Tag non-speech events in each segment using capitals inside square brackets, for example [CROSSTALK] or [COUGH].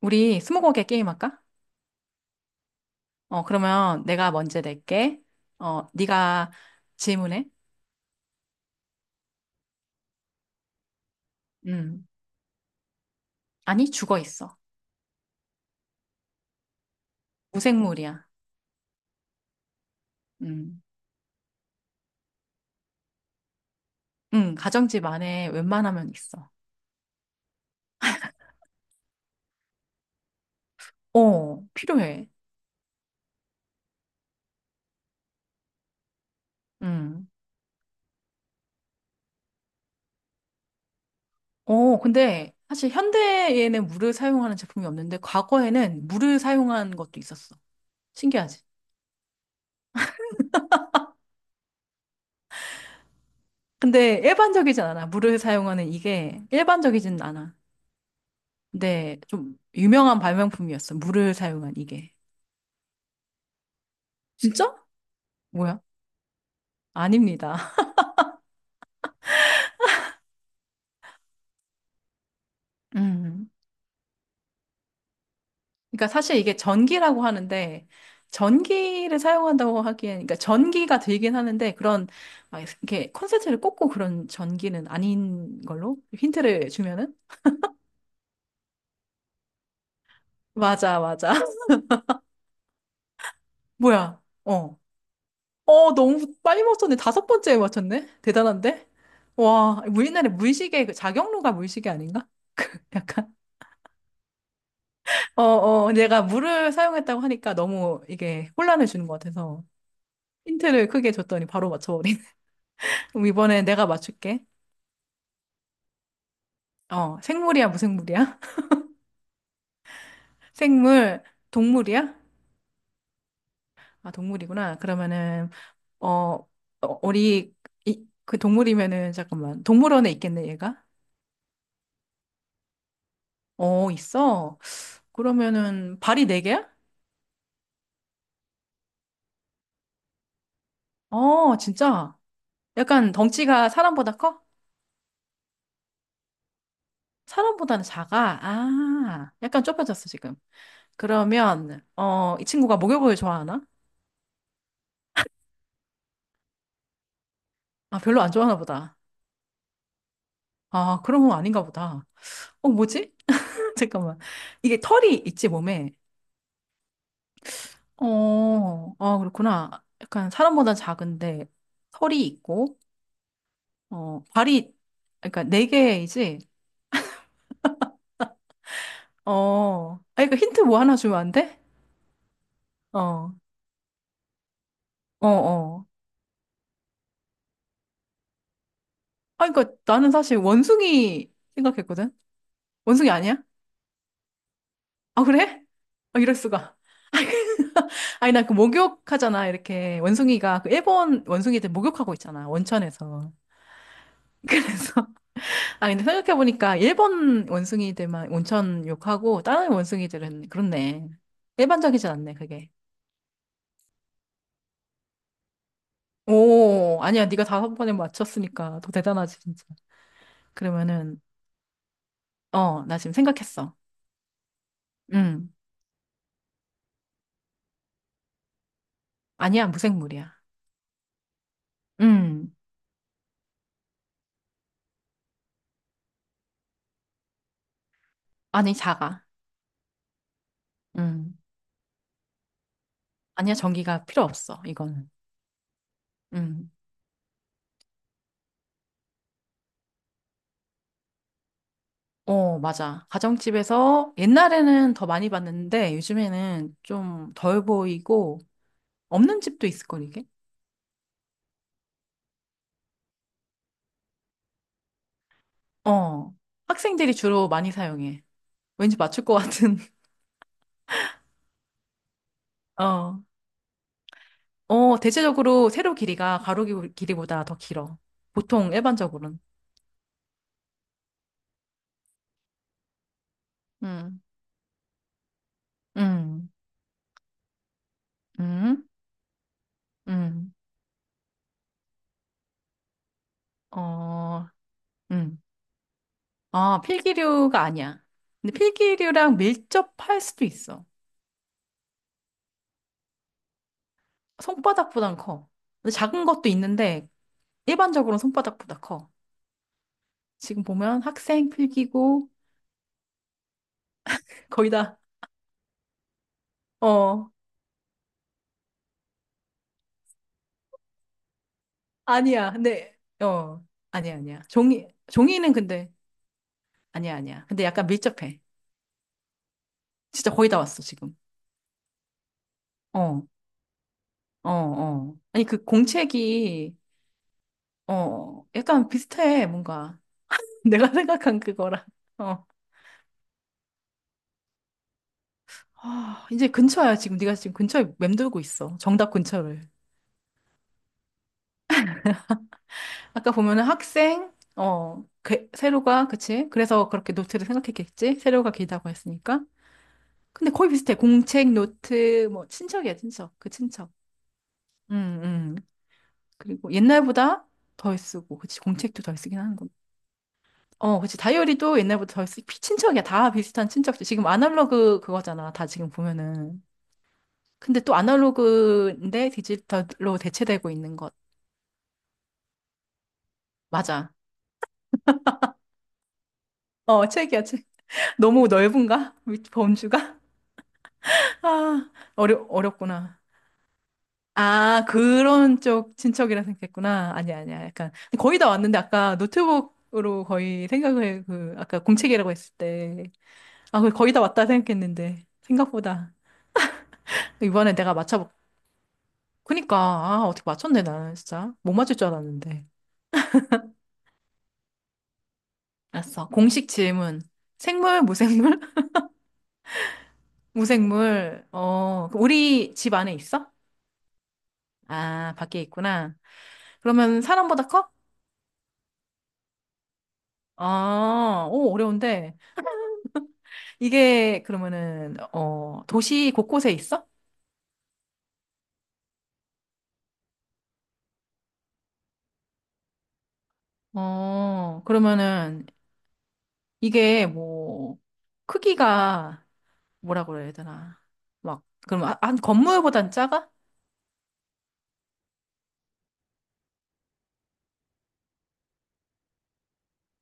우리 스무고개 게임 할까? 어, 그러면 내가 먼저 낼게. 어, 네가 질문해. 음. 아니, 죽어 있어. 무생물이야. 음. 가정집 안에 웬만하면 있어. 어, 필요해. 음. 어, 근데 사실 현대에는 물을 사용하는 제품이 없는데 과거에는 물을 사용한 것도 있었어. 신기하지? 근데 일반적이진 않아. 물을 사용하는 이게 일반적이진 않아. 근데 좀 유명한 발명품이었어. 물을 사용한 이게. 진짜? 뭐야? 아닙니다. [LAUGHS] 음. 그러니까 사실 이게 전기라고 하는데 전기를 사용한다고 하기엔, 그러니까 전기가 들긴 하는데 그런 막 이렇게 콘센트를 꽂고 그런 전기는 아닌 걸로 힌트를 주면은. 맞아 맞아. [LAUGHS] 뭐야. 어, 어, 너무 빨리 맞췄네. 다섯 번째에 맞췄네. 대단한데. 와, 우리나라 물시계 그 자격로가 물시계 아닌가. [LAUGHS] 약간 어어, 내가 물을 사용했다고 하니까 너무 이게 혼란을 주는 것 같아서 힌트를 크게 줬더니 바로 맞춰버리. 그럼 이번에 내가 맞출게. 어, 생물이야, 무생물이야? [LAUGHS] 생물, 동물이야? 아, 동물이구나. 그러면은, 어, 어, 우리, 이, 그 동물이면은, 잠깐만. 동물원에 있겠네, 얘가? 어, 있어. 그러면은, 발이 네 개야? 어, 진짜. 약간 덩치가 사람보다 커? 사람보다는 작아. 아, 약간 좁혀졌어, 지금. 그러면, 어, 이 친구가 목욕을 좋아하나? 아, 별로 안 좋아하나 보다. 아, 그런 건 아닌가 보다. 어, 뭐지? [LAUGHS] 잠깐만. 이게 털이 있지, 몸에? 어, 아, 그렇구나. 약간 사람보다 작은데 털이 있고, 어, 발이, 그러니까 네 개이지? 어, 아, 그러니까 힌트 뭐 하나 주면 안 돼? 어, 어, 어. 아, 그러니까 나는 사실 원숭이 생각했거든? 원숭이 아니야? 아, 그래? 아, 이럴 수가. 아니, 나 그 목욕하잖아, 이렇게. 원숭이가, 그 일본 원숭이들 목욕하고 있잖아, 원천에서. [LAUGHS] 그래서. 아, 근데 생각해보니까 일본 원숭이들만 온천 욕하고 다른 원숭이들은, 그렇네. 일반적이진 않네, 그게. 오, 아니야. 네가 다섯 번에 맞췄으니까 더 대단하지, 진짜. 그러면은, 어, 나 지금 생각했어. 음. 아니야, 무생물이야. 음. 아니, 작아. 음. 아니야, 전기가 필요 없어, 이거는. 음. 어, 맞아. 가정집에서 옛날에는 더 많이 봤는데 요즘에는 좀 덜 보이고 없는 집도 있을 걸, 이게? 어, 학생들이 주로 많이 사용해. 왠지 맞출 것 같은. [LAUGHS] 어, 어, 대체적으로 세로 길이가 가로 길이보다 더 길어. 보통 일반적으로는. 음, 음, 음, 음, 어, 음. 아, 필기류가 아니야. 근데 필기류랑 밀접할 수도 있어. 손바닥보단 커. 근데 작은 것도 있는데, 일반적으로는 손바닥보다 커. 지금 보면 학생 필기고, 거의 다. 어, 아니야. 근데 어, 아니야 아니야. 종이, 종이는 근데 아니야 아니야. 근데 약간 밀접해. 진짜 거의 다 왔어 지금. 어, 어, 어. 아니 그 공책이 어 약간 비슷해 뭔가, [LAUGHS] 내가 생각한 그거랑. 어. 아, 이제 근처야 지금. 네가 지금 근처에 맴돌고 있어. 정답 근처를. 아까 보면은 학생, 어 그, 세로가, 그치? 그래서 그렇게 노트를 생각했겠지? 세로가 길다고 했으니까. 근데 거의 비슷해. 공책, 노트, 뭐, 친척이야, 친척. 그 친척. 음, 음. 그리고 옛날보다 덜 쓰고, 그치, 공책도 덜 쓰긴 하는 건. 어, 그치, 다이어리도 옛날보다 친척이야. 다 비슷한 친척들. 지금 아날로그 그거잖아. 다 지금 보면은. 근데 또 아날로그인데 디지털로 대체되고 있는 것. 맞아. 어, 책이야, 책. [LAUGHS] 너무 넓은가? 밑 범주가? [LAUGHS] 아, 어렵구나. 아, 그런 쪽 친척이라 생각했구나. 아니야, 아니야. 약간. 거의 다 왔는데, 아까 노트북으로 거의 생각을, 그, 아까 공책이라고 했을 때. 아, 그래, 거의 다 왔다 생각했는데. 생각보다. 이번에 내가 맞춰볼. 그니까, 아, 어떻게 맞췄네, 나는 진짜. 못 맞출 줄 알았는데. 알았어. 공식 질문. 생물, 무생물? [LAUGHS] 무생물. 어, 우리 집 안에 있어? 아, 밖에 있구나. 그러면 사람보다 커? 아, 오, 어려운데. 이게, 그러면은, 어, 도시 곳곳에 있어? 어, 그러면은, 이게 뭐, 크기가 뭐라 그래야 되나. 막, 그럼 한 한 건물보단 작아?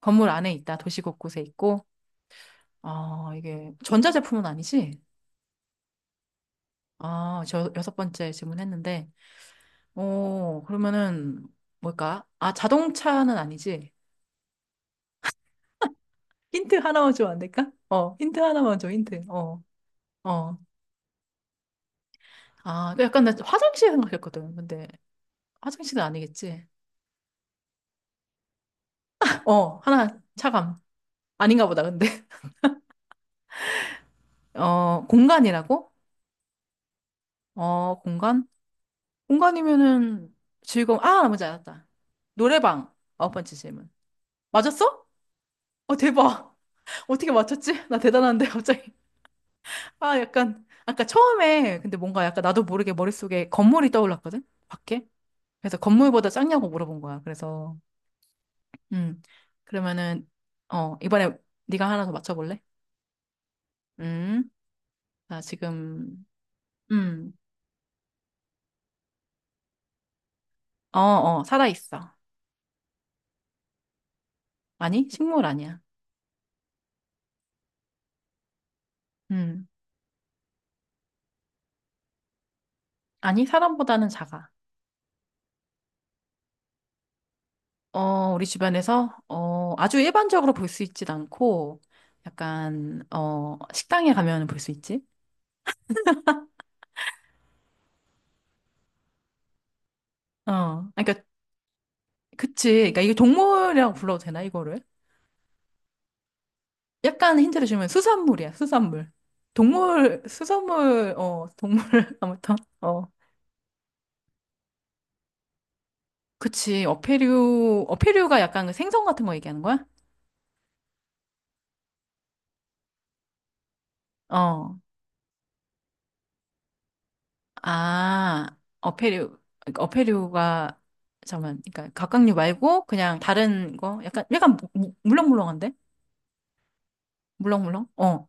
건물 안에 있다. 도시 곳곳에 있고. 아, 이게 전자제품은 아니지? 아, 저 여섯 번째 질문했는데. 어, 그러면은 뭘까? 아, 자동차는 아니지? 힌트 하나만 주면 안 될까? 어, 힌트 하나만 줘, 힌트. 어, 어. 아, 그 약간 나 화장실 생각했거든. 근데 화장실은 아니겠지? 어, 하나 차감. 아닌가 보다, 근데. [LAUGHS] 어, 공간이라고? 어, 공간? 공간이면은 즐거움. 아, 나머지 알았다. 노래방. 아홉 번째 질문. 맞았어? 어, 대박. [LAUGHS] 어떻게 맞췄지? 나 대단한데, 갑자기. 아, 약간, 아까 처음에, 근데 뭔가 약간 나도 모르게 머릿속에 건물이 떠올랐거든? 밖에? 그래서 건물보다 작냐고 물어본 거야. 그래서, 음. 그러면은, 어, 이번에 네가 하나 더 맞춰볼래? 음. 나 지금, 음. 어, 어, 살아있어. 아니, 식물 아니야. 음. 아니, 사람보다는 작아. 어, 우리 집안에서, 어, 아주 일반적으로 볼 수 있진 않고, 약간, 어, 식당에 가면 볼 수 있지? 어, 그러니까, 그치. 그러니까 이게 동물이라고 불러도 되나, 이거를? 약간 힌트를 주면 수산물이야, 수산물. 동물, 수산물, 어, 동물, [LAUGHS] 아무튼, 어. 그치. 어패류, 어패류가 약간 그 생선 같은 거 얘기하는 거야? 어. 아, 어패류, 그러니까 어패류가, 잠깐만, 그러니까 갑각류 말고 그냥 다른 거? 약간, 약간 물렁물렁한데? 물렁물렁? 어.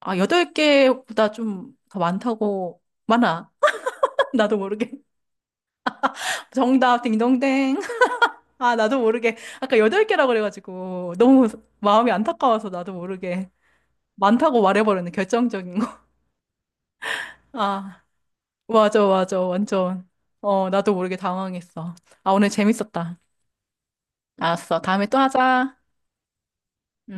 아, 여덟 개보다 좀 더 많다고, 많아. [LAUGHS] 나도 모르게. [LAUGHS] 정답, 딩동댕. [LAUGHS] 아, 나도 모르게. 아까 여덟 개라고 그래가지고, 너무 마음이 안타까워서 나도 모르게. 많다고 말해버렸네, 결정적인 거. [LAUGHS] 아, 맞아, 맞아, 완전. 어, 나도 모르게 당황했어. 아, 오늘 재밌었다. 알았어. 다음에 또 하자. 음.